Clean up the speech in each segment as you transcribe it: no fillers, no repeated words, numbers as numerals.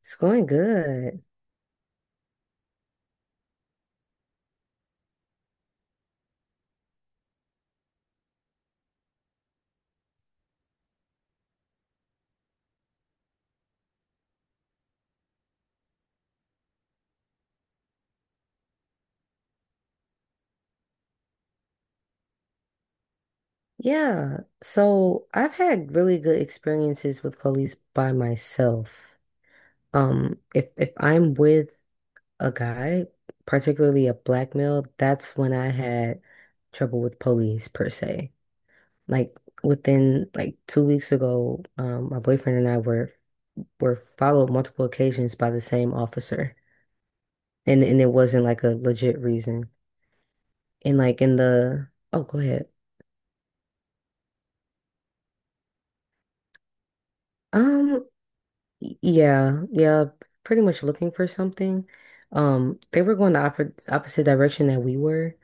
It's going good. Yeah. So I've had really good experiences with police by myself. If I'm with a guy, particularly a black male, that's when I had trouble with police per se. Like within like 2 weeks ago, my boyfriend and I were followed multiple occasions by the same officer. And it wasn't like a legit reason. And like in the, oh, go ahead. Um, Yeah, yeah, pretty much looking for something. They were going the opposite direction that we were,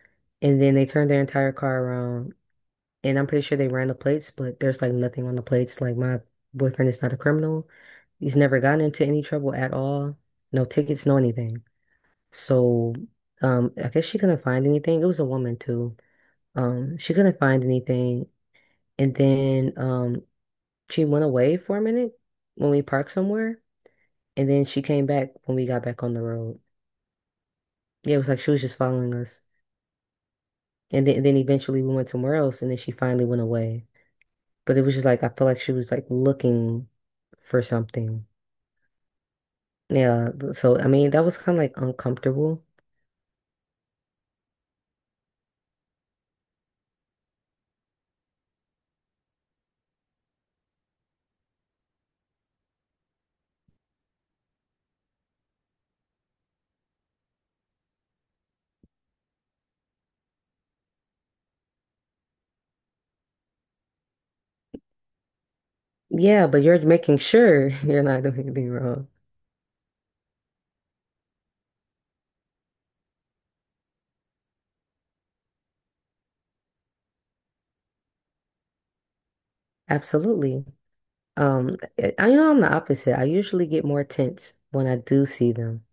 and then they turned their entire car around. And I'm pretty sure they ran the plates, but there's like nothing on the plates. Like my boyfriend is not a criminal. He's never gotten into any trouble at all. No tickets, no anything. So, I guess she couldn't find anything. It was a woman too. She couldn't find anything, and then she went away for a minute when we parked somewhere. And then she came back when we got back on the road. Yeah, it was like she was just following us. And then eventually we went somewhere else and then she finally went away. But it was just like I felt like she was like looking for something. Yeah, so I mean that was kind of like uncomfortable. Yeah, but you're making sure you're not doing anything wrong. Absolutely. Um, I know I'm the opposite. I usually get more tense when I do see them,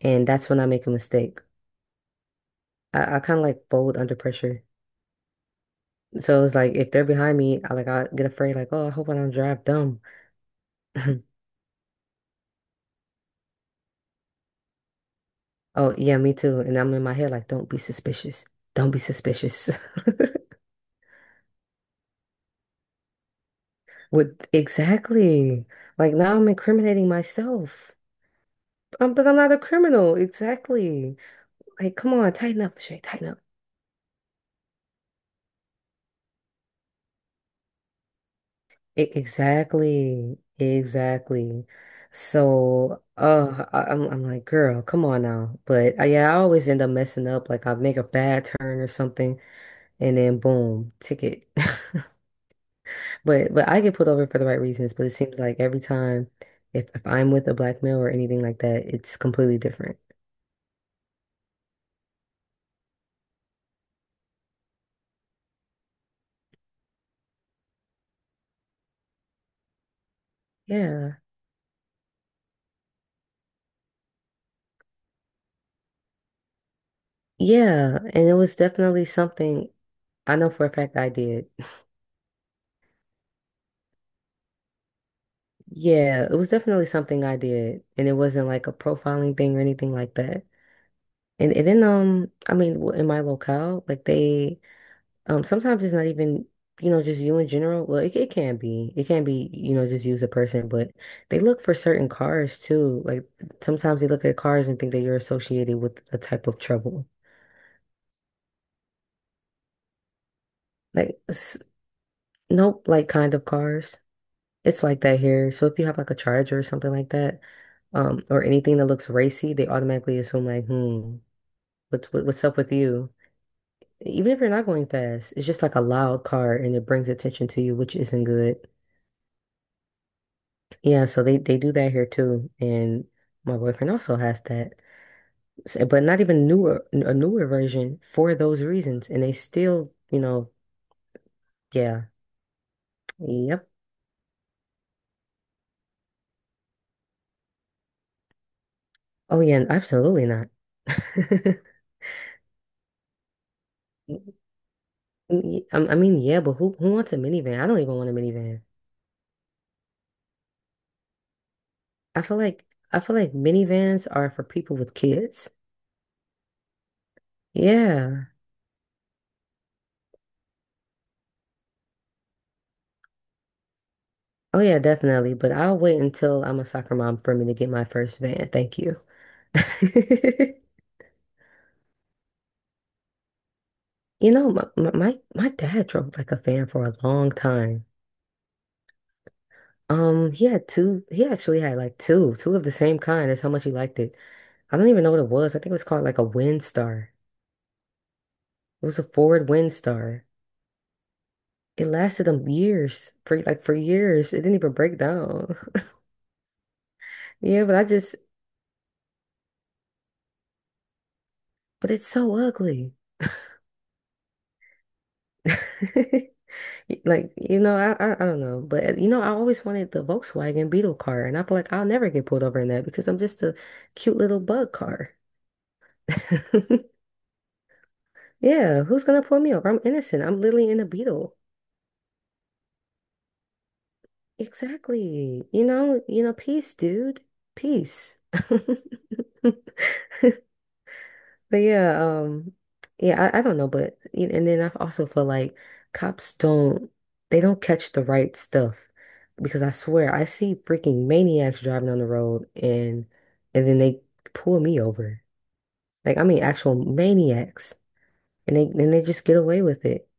and that's when I make a mistake. I kind of like fold under pressure. So it's like if they're behind me, I get afraid, like, oh, I hope I don't drive dumb. Oh, yeah, me too. And I'm in my head like, don't be suspicious. Don't be suspicious. With Exactly. Like now I'm incriminating myself. But I'm not a criminal. Exactly. Like, come on, tighten up, Shay, tighten up. Exactly. Exactly. So, I'm like, girl, come on now. But yeah, I always end up messing up. Like I make a bad turn or something, and then boom, ticket. But I get pulled over for the right reasons. But it seems like every time, if I'm with a black male or anything like that, it's completely different. Yeah, yeah, and it was definitely something I know for a fact I did. Yeah, it was definitely something I did, and it wasn't like a profiling thing or anything like that. And then I mean, in my locale, like they. Sometimes it's not even, you know, just you in general. Well, it can be. It can be, you know, just use a person, but they look for certain cars too. Like sometimes they look at cars and think that you're associated with a type of trouble. Like nope, like kind of cars. It's like that here. So if you have like a Charger or something like that, or anything that looks racy, they automatically assume like, hmm, what's up with you? Even if you're not going fast, it's just like a loud car and it brings attention to you, which isn't good. Yeah, so they do that here too, and my boyfriend also has that, but not even newer a newer version for those reasons, and they still, you know, yeah, yep, oh yeah, absolutely not. I mean, yeah, but who wants a minivan? I don't even want a minivan. I feel like I feel like minivans are for people with kids. Yeah, oh yeah, definitely. But I'll wait until I'm a soccer mom for me to get my first van. Thank you. You know, my dad drove like a fan for a long time. He had two. He actually had like two of the same kind. That's how much he liked it. I don't even know what it was. I think it was called like a Windstar. It was a Ford Windstar. It lasted him years, for years. It didn't even break down. Yeah, but it's so ugly. Like, you know, I don't know, but you know, I always wanted the Volkswagen Beetle car, and I feel like I'll never get pulled over in that because I'm just a cute little bug car. Yeah, who's gonna pull me over? I'm innocent. I'm literally in a beetle. Exactly. Peace, dude. Peace. But yeah, yeah, I don't know, but you and then I also feel like cops don't, they don't catch the right stuff because I swear I see freaking maniacs driving on the road and then they pull me over. Like I mean actual maniacs and they just get away with it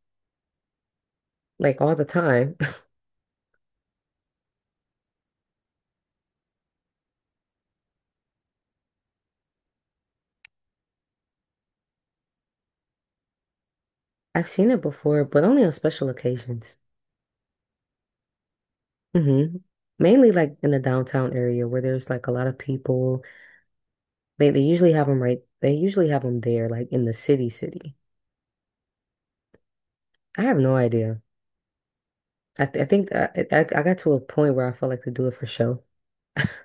like all the time. I've seen it before, but only on special occasions. Hmm. Mainly like in the downtown area where there's like a lot of people. They usually have them right. They usually have them there, like in the city, city. I have no idea. I think I got to a point where I felt like they do it for show.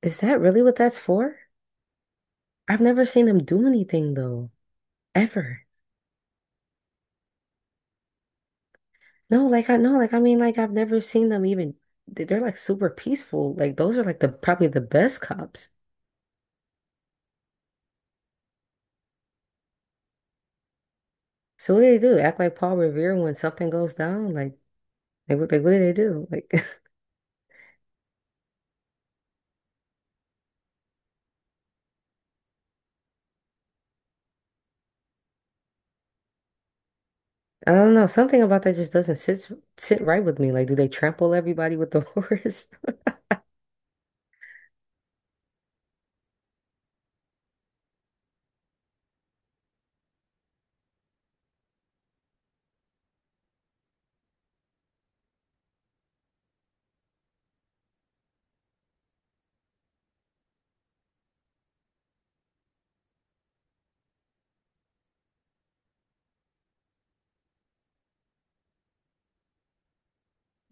Is that really what that's for? I've never seen them do anything though. Ever. No, like I no, like I mean, like I've never seen them even. They're like super peaceful. Like those are like the probably the best cops. So what do they do? Act like Paul Revere when something goes down? Like, what do they do? Like I don't know. Something about that just doesn't sit right with me. Like, do they trample everybody with the horse?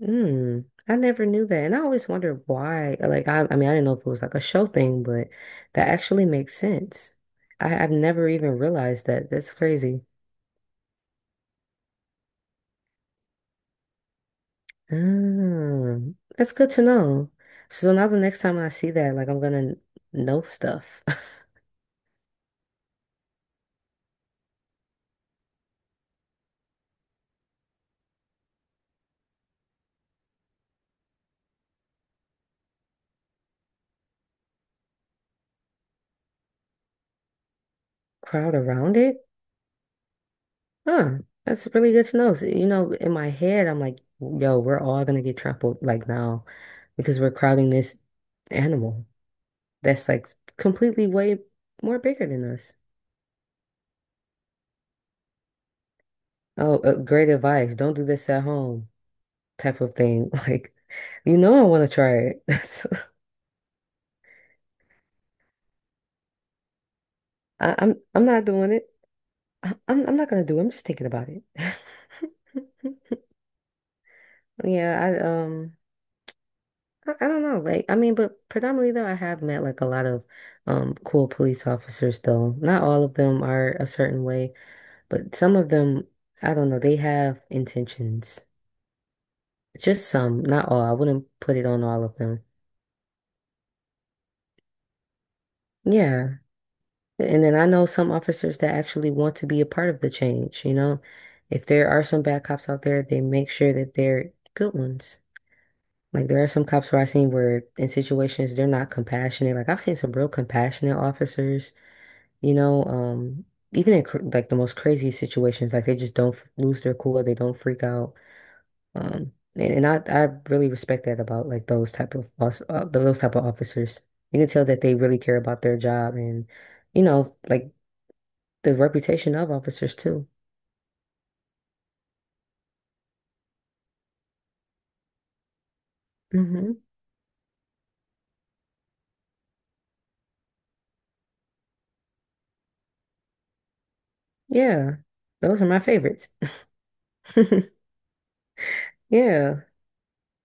I never knew that, and I always wondered why. Like I mean, I didn't know if it was like a show thing, but that actually makes sense. I've never even realized that. That's crazy. That's good to know. So now the next time I see that, like I'm gonna know stuff. Crowd around it? Huh. That's really good to know. So, you know, in my head, I'm like, yo, we're all gonna get trampled like now because we're crowding this animal that's like completely way more bigger than us. Oh, great advice. Don't do this at home type of thing. Like, you know, I want to try it. So, I'm not doing it. I'm not gonna do it. I'm just thinking about it. Yeah, I don't know. Like I mean, but predominantly though I have met like a lot of cool police officers though. Not all of them are a certain way, but some of them, I don't know, they have intentions. Just some, not all. I wouldn't put it on all of them. Yeah. And then I know some officers that actually want to be a part of the change, you know. If there are some bad cops out there, they make sure that they're good ones. Like there are some cops where I've seen where in situations they're not compassionate. Like I've seen some real compassionate officers, you know, even in cr like the most crazy situations, like they just don't lose their cool, they don't freak out. And I really respect that about like those type of officers. You can tell that they really care about their job and, you know, like the reputation of officers too. Hmm. Yeah, those are my favorites. Yeah.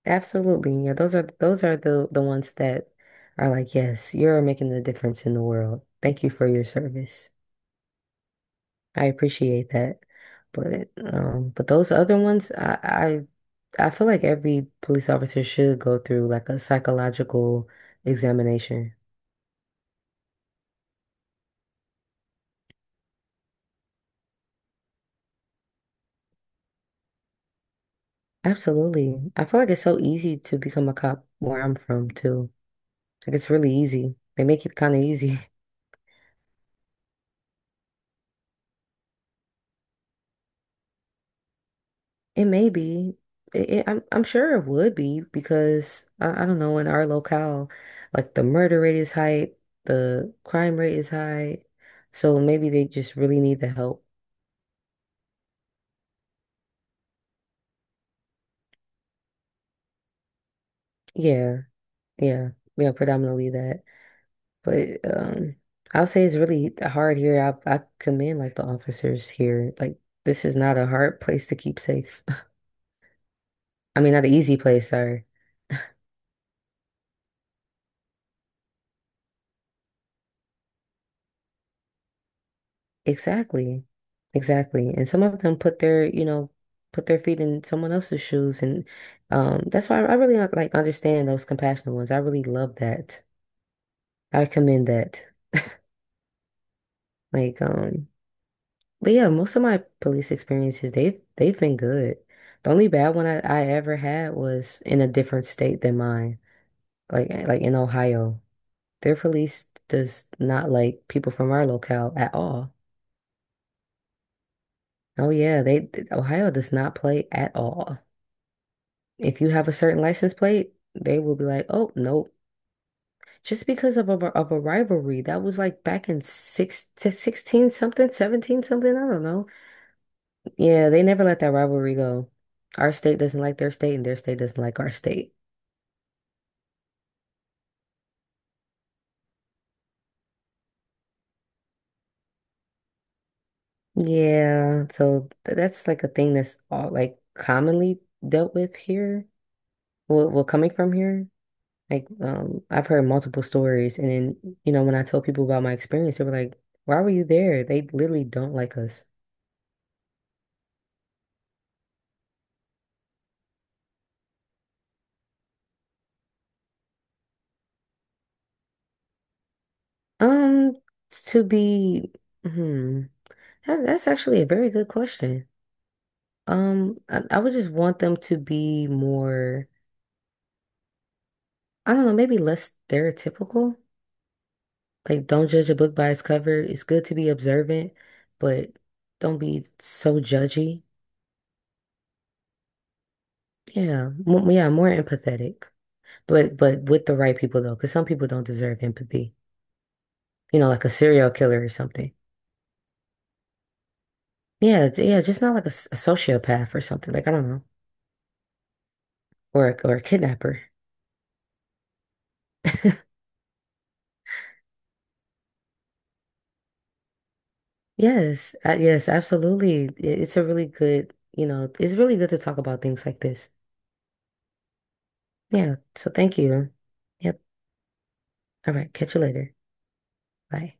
Absolutely. Yeah, those are the ones that are like, yes, you're making the difference in the world. Thank you for your service. I appreciate that. But those other ones, I feel like every police officer should go through like a psychological examination. Absolutely. I feel like it's so easy to become a cop where I'm from too. Like it's really easy. They make it kind of easy. It may be. I'm sure it would be because I don't know in our locale, like the murder rate is high, the crime rate is high, so maybe they just really need the help. Yeah, yeah, yeah, predominantly that. But I'll say it's really hard here. I commend like the officers here. Like this is not a hard place to keep safe. I mean, not an easy place. Sorry. Exactly. Exactly. And some of them put their, you know, put their feet in someone else's shoes. And that's why I really like, understand those compassionate ones. I really love that. I commend that. Like, but yeah, most of my police experiences, they've been good. The only bad one I ever had was in a different state than mine. Like like in Ohio. Their police does not like people from our locale at all. Oh yeah, they Ohio does not play at all. If you have a certain license plate, they will be like, oh, nope. Just because of of a rivalry that was like back in six to 16 something, 17 something, I don't know. Yeah, they never let that rivalry go. Our state doesn't like their state and their state doesn't like our state. Yeah, so th that's like a thing that's all like commonly dealt with here. Well, coming from here, like I've heard multiple stories, and then you know when I tell people about my experience, they were like, "Why were you there?" They literally don't like us. Um, to be, hmm, that's actually a very good question. I would just want them to be more, I don't know, maybe less stereotypical. Like, don't judge a book by its cover. It's good to be observant, but don't be so judgy. Yeah, more empathetic, but with the right people though, because some people don't deserve empathy. You know, like a serial killer or something. Yeah, just not like a sociopath or something. Like, I don't know, or or a kidnapper. Yes, yes, absolutely. It's a really good, you know, it's really good to talk about things like this. Yeah, so thank you. Yep. All right, catch you later. Bye.